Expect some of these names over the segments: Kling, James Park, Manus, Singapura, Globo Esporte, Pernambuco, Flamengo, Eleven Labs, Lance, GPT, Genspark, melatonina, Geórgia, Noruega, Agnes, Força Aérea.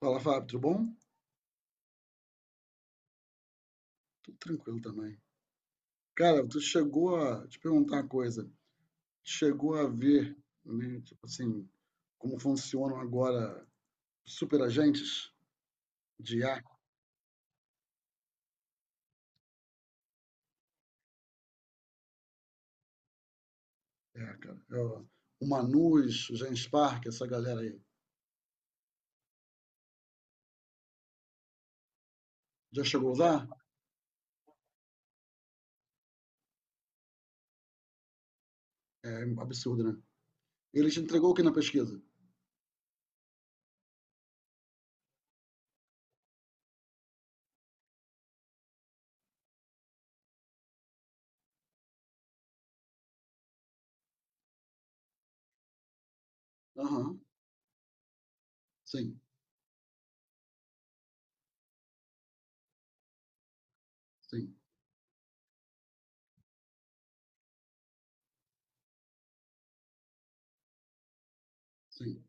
Fala, Fábio, tudo bom? Tudo tranquilo também. Cara, tu chegou a... te perguntar uma coisa. Chegou a ver, né, tipo assim, como funcionam agora superagentes de IA? É, cara, é o Manus, o Genspark, essa galera aí. Já chegou a usar? É absurdo, né? Ele te entregou o que na pesquisa? Aham, sim, sim, sim.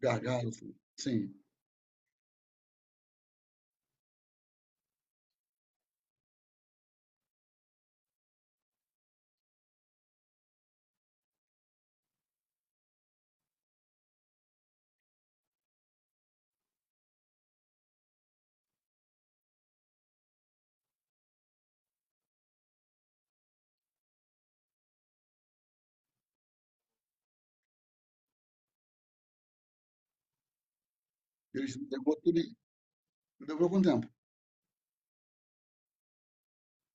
Gargalo, sim. Ele te entregou tudo. Demorou quanto tempo?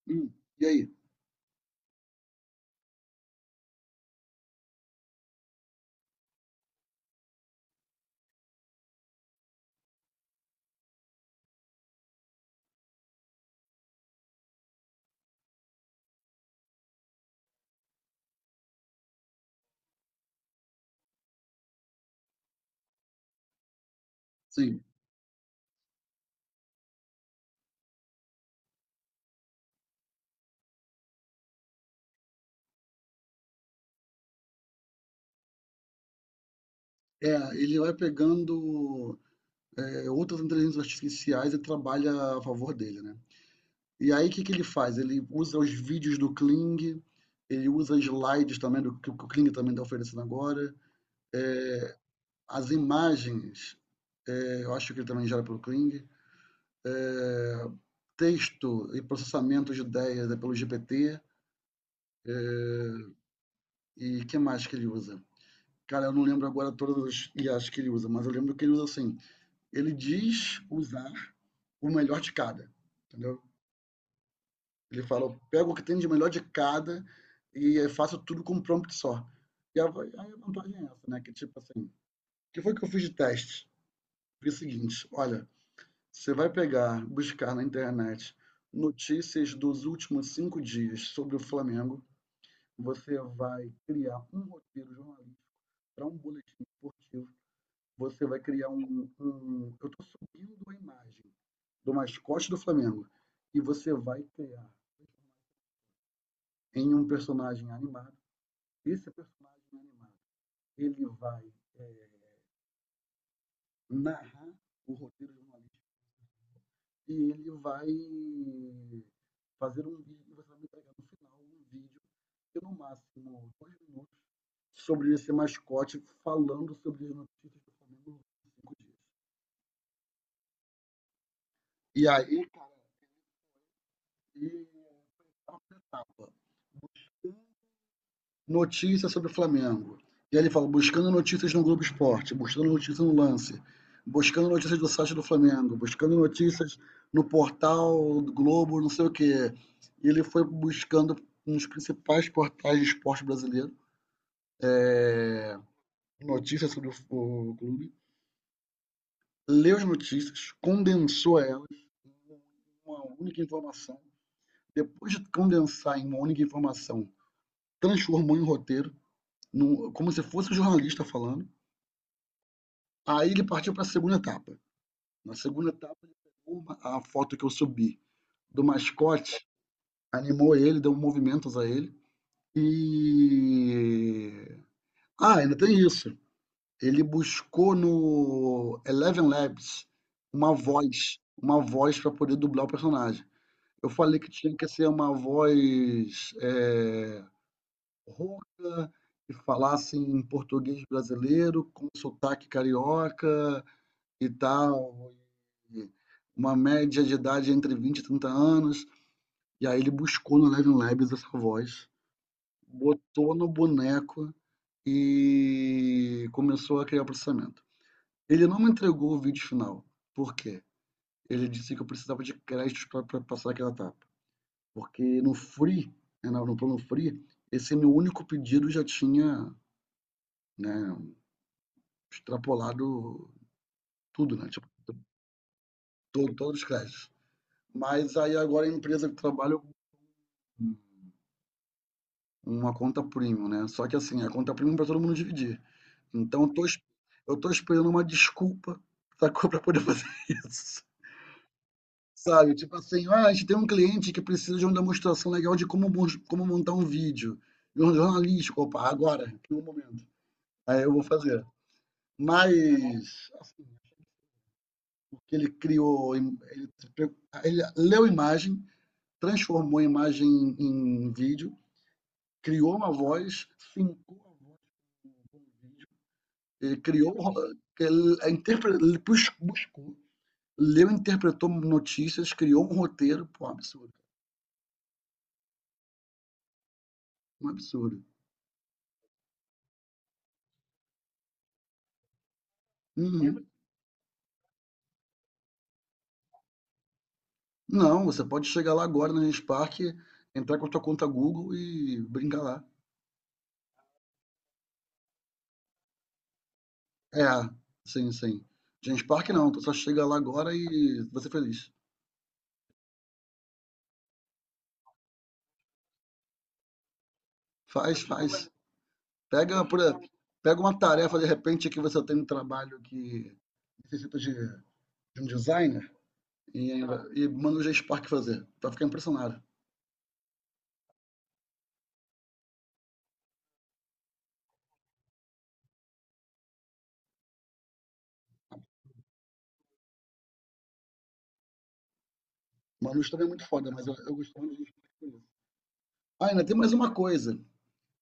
Hum, e aí? Sim. É, ele vai pegando. É, outras inteligências artificiais e trabalha a favor dele, né? E aí o que que ele faz? Ele usa os vídeos do Kling, ele usa slides também do que o Kling também está oferecendo agora, as imagens, é, eu acho que ele também gera pelo Kling, é, texto e processamento de ideias é pelo GPT, e o que mais que ele usa? Cara, eu não lembro agora todas as IAs que ele usa, mas eu lembro que ele usa assim, ele diz usar o melhor de cada, entendeu? Ele fala, eu pego o que tem de melhor de cada e faço tudo com um prompt só. E aí a vantagem é essa, né? Que tipo assim, o que foi que eu fiz de teste? Foi o seguinte, olha, você vai pegar, buscar na internet notícias dos últimos cinco dias sobre o Flamengo, você vai criar um roteiro jornalístico para um boletim esportivo, você vai criar um... eu estou subindo a imagem do mascote do Flamengo e você vai criar em um personagem animado. Esse personagem animado, ele vai eh, narrar o roteiro jornalístico e ele vai fazer um vídeo, e você vai me entregar no final um vídeo de no máximo dois minutos sobre esse mascote falando sobre as notícias do Flamengo nos cinco dias. E aí, cara, e é etapa. Notícias sobre o Flamengo. E aí ele fala, buscando notícias no Globo Esporte, buscando notícias no Lance, buscando notícias do site do Flamengo, buscando notícias no portal do Globo, não sei o quê. E ele foi buscando nos principais portais de esporte brasileiro notícias sobre o clube, leu as notícias, condensou elas em uma única informação. Depois de condensar em uma única informação, transformou em roteiro, num, como se fosse um jornalista falando. Aí ele partiu para a segunda etapa. Na segunda etapa, ele pegou a foto que eu subi do mascote, animou ele, deu movimentos a ele. E. Ah, ainda tem isso. Ele buscou no Eleven Labs uma voz para poder dublar o personagem. Eu falei que tinha que ser uma voz, é, rouca, que falasse em português brasileiro, com sotaque carioca e tal. Uma média de idade entre 20 e 30 anos. E aí ele buscou no Eleven Labs essa voz, botou no boneco e começou a criar o processamento. Ele não me entregou o vídeo final. Por quê? Ele disse que eu precisava de créditos para passar aquela etapa. Porque no free, né, no plano free, esse meu único pedido já tinha, né, extrapolado tudo, né? Tipo, todos os créditos. Mas aí agora a empresa que trabalha. Uma conta premium, né. Só que assim, a conta premium para todo mundo dividir. Então eu tô esperando uma desculpa, sacou, pra poder fazer isso. Sabe, tipo assim: "Ah, a gente tem um cliente que precisa de uma demonstração legal de como montar um vídeo, de um jornalístico", opa, agora, no momento. Aí eu vou fazer. Mas, assim, porque ele criou im ele se pre ele leu a imagem, transformou a imagem em vídeo, criou uma voz, fincou a voz. Ele criou um que ele a interpre- ele buscou, leu, interpretou notícias, criou um roteiro, pô, um absurdo, um absurdo. É. Uhum. Não, você pode chegar lá agora no Genspark, entrar com a tua conta Google e brincar lá. É, sim, sim. Genspark não, tu só chega lá agora e você feliz. Faz, faz. Pega, por, pega uma tarefa de repente que você tem um trabalho que necessita de um designer e, e manda o Genspark fazer. Tu vai ficar impressionado. Manu Strong é muito foda, mas eu gosto muito de. Ah, ainda tem mais uma coisa.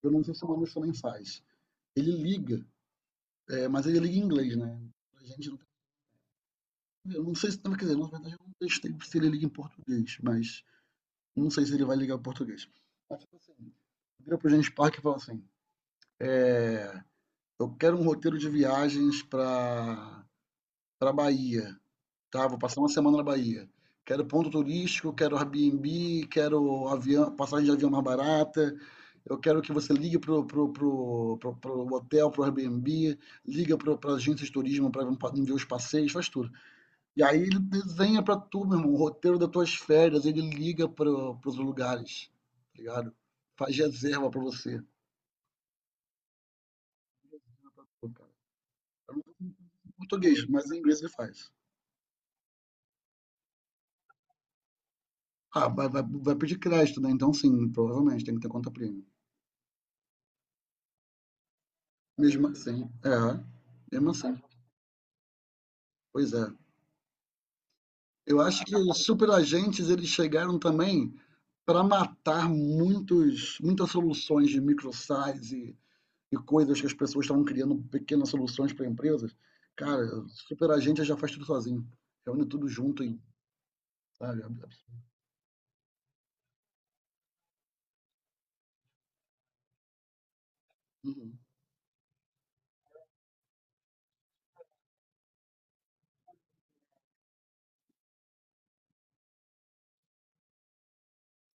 Eu não sei se o Manu também faz. Ele liga, é, mas ele liga em inglês, né? A gente não tem. Eu não sei se. Quer dizer, na verdade, eu não testei se ele liga em português, mas não sei se ele vai ligar em português. Mas, tipo assim, vira pro James Park e fala assim: eu quero um roteiro de viagens pra Bahia. Tá? Vou passar uma semana na Bahia. Quero ponto turístico, quero Airbnb, quero avião, passagem de avião mais barata. Eu quero que você ligue pro hotel, pro Airbnb, liga pra agência de turismo para ver os passeios, faz tudo. E aí ele desenha para tu, meu irmão, o roteiro das tuas férias, ele liga pros lugares, tá ligado? Faz reserva para você. Pô, cara, eu não sei português, mas em inglês ele faz. Ah, vai, vai, vai pedir crédito, né? Então sim, provavelmente tem que ter conta premium. Mesmo assim, é, mesmo assim, pois é. Eu acho que os superagentes eles chegaram também para matar muitos, muitas soluções de microsize e coisas que as pessoas estavam criando pequenas soluções para empresas. Cara, superagente já faz tudo sozinho, reúne tudo junto e, sabe? Uhum,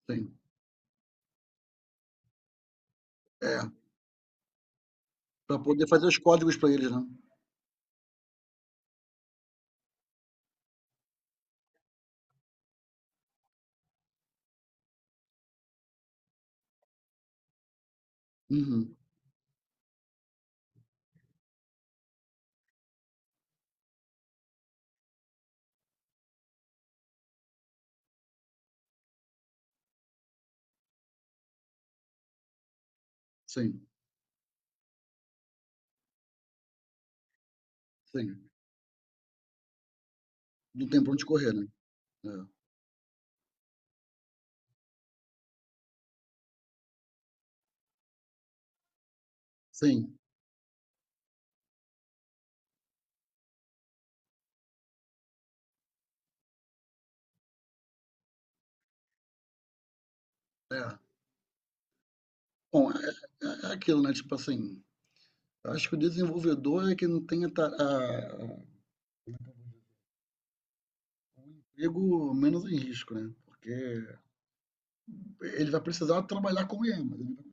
sim, é para poder fazer os códigos para eles, né? Uhum, sim, sim, não tem para onde correr, né? É, sim, é. Bom, é, é aquilo, né? Tipo assim. Eu acho que o desenvolvedor é quem tem a emprego menos em risco, né? Porque ele vai precisar trabalhar com IA, mas ele vai...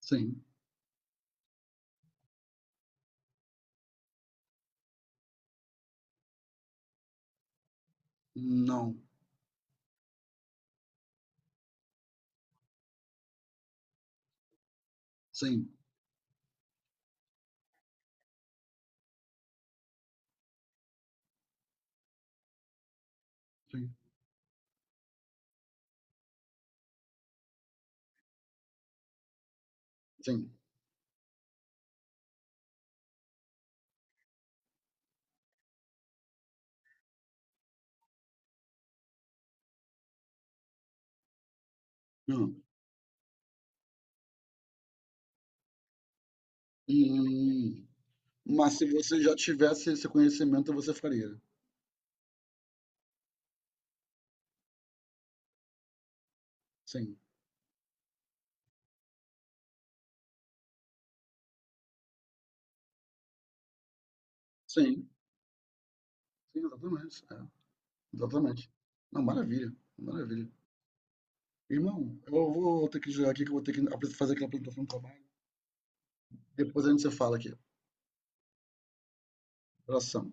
Sim, não, sim, sim, sim, não. Hum, mas se você já tivesse esse conhecimento, você faria. Sim, sim, sim, exatamente. É, exatamente. Não, maravilha, maravilha. Irmão, eu vou ter que jogar aqui, que eu vou ter que fazer aquela apresentação do trabalho. Depois a gente se fala aqui. Abração.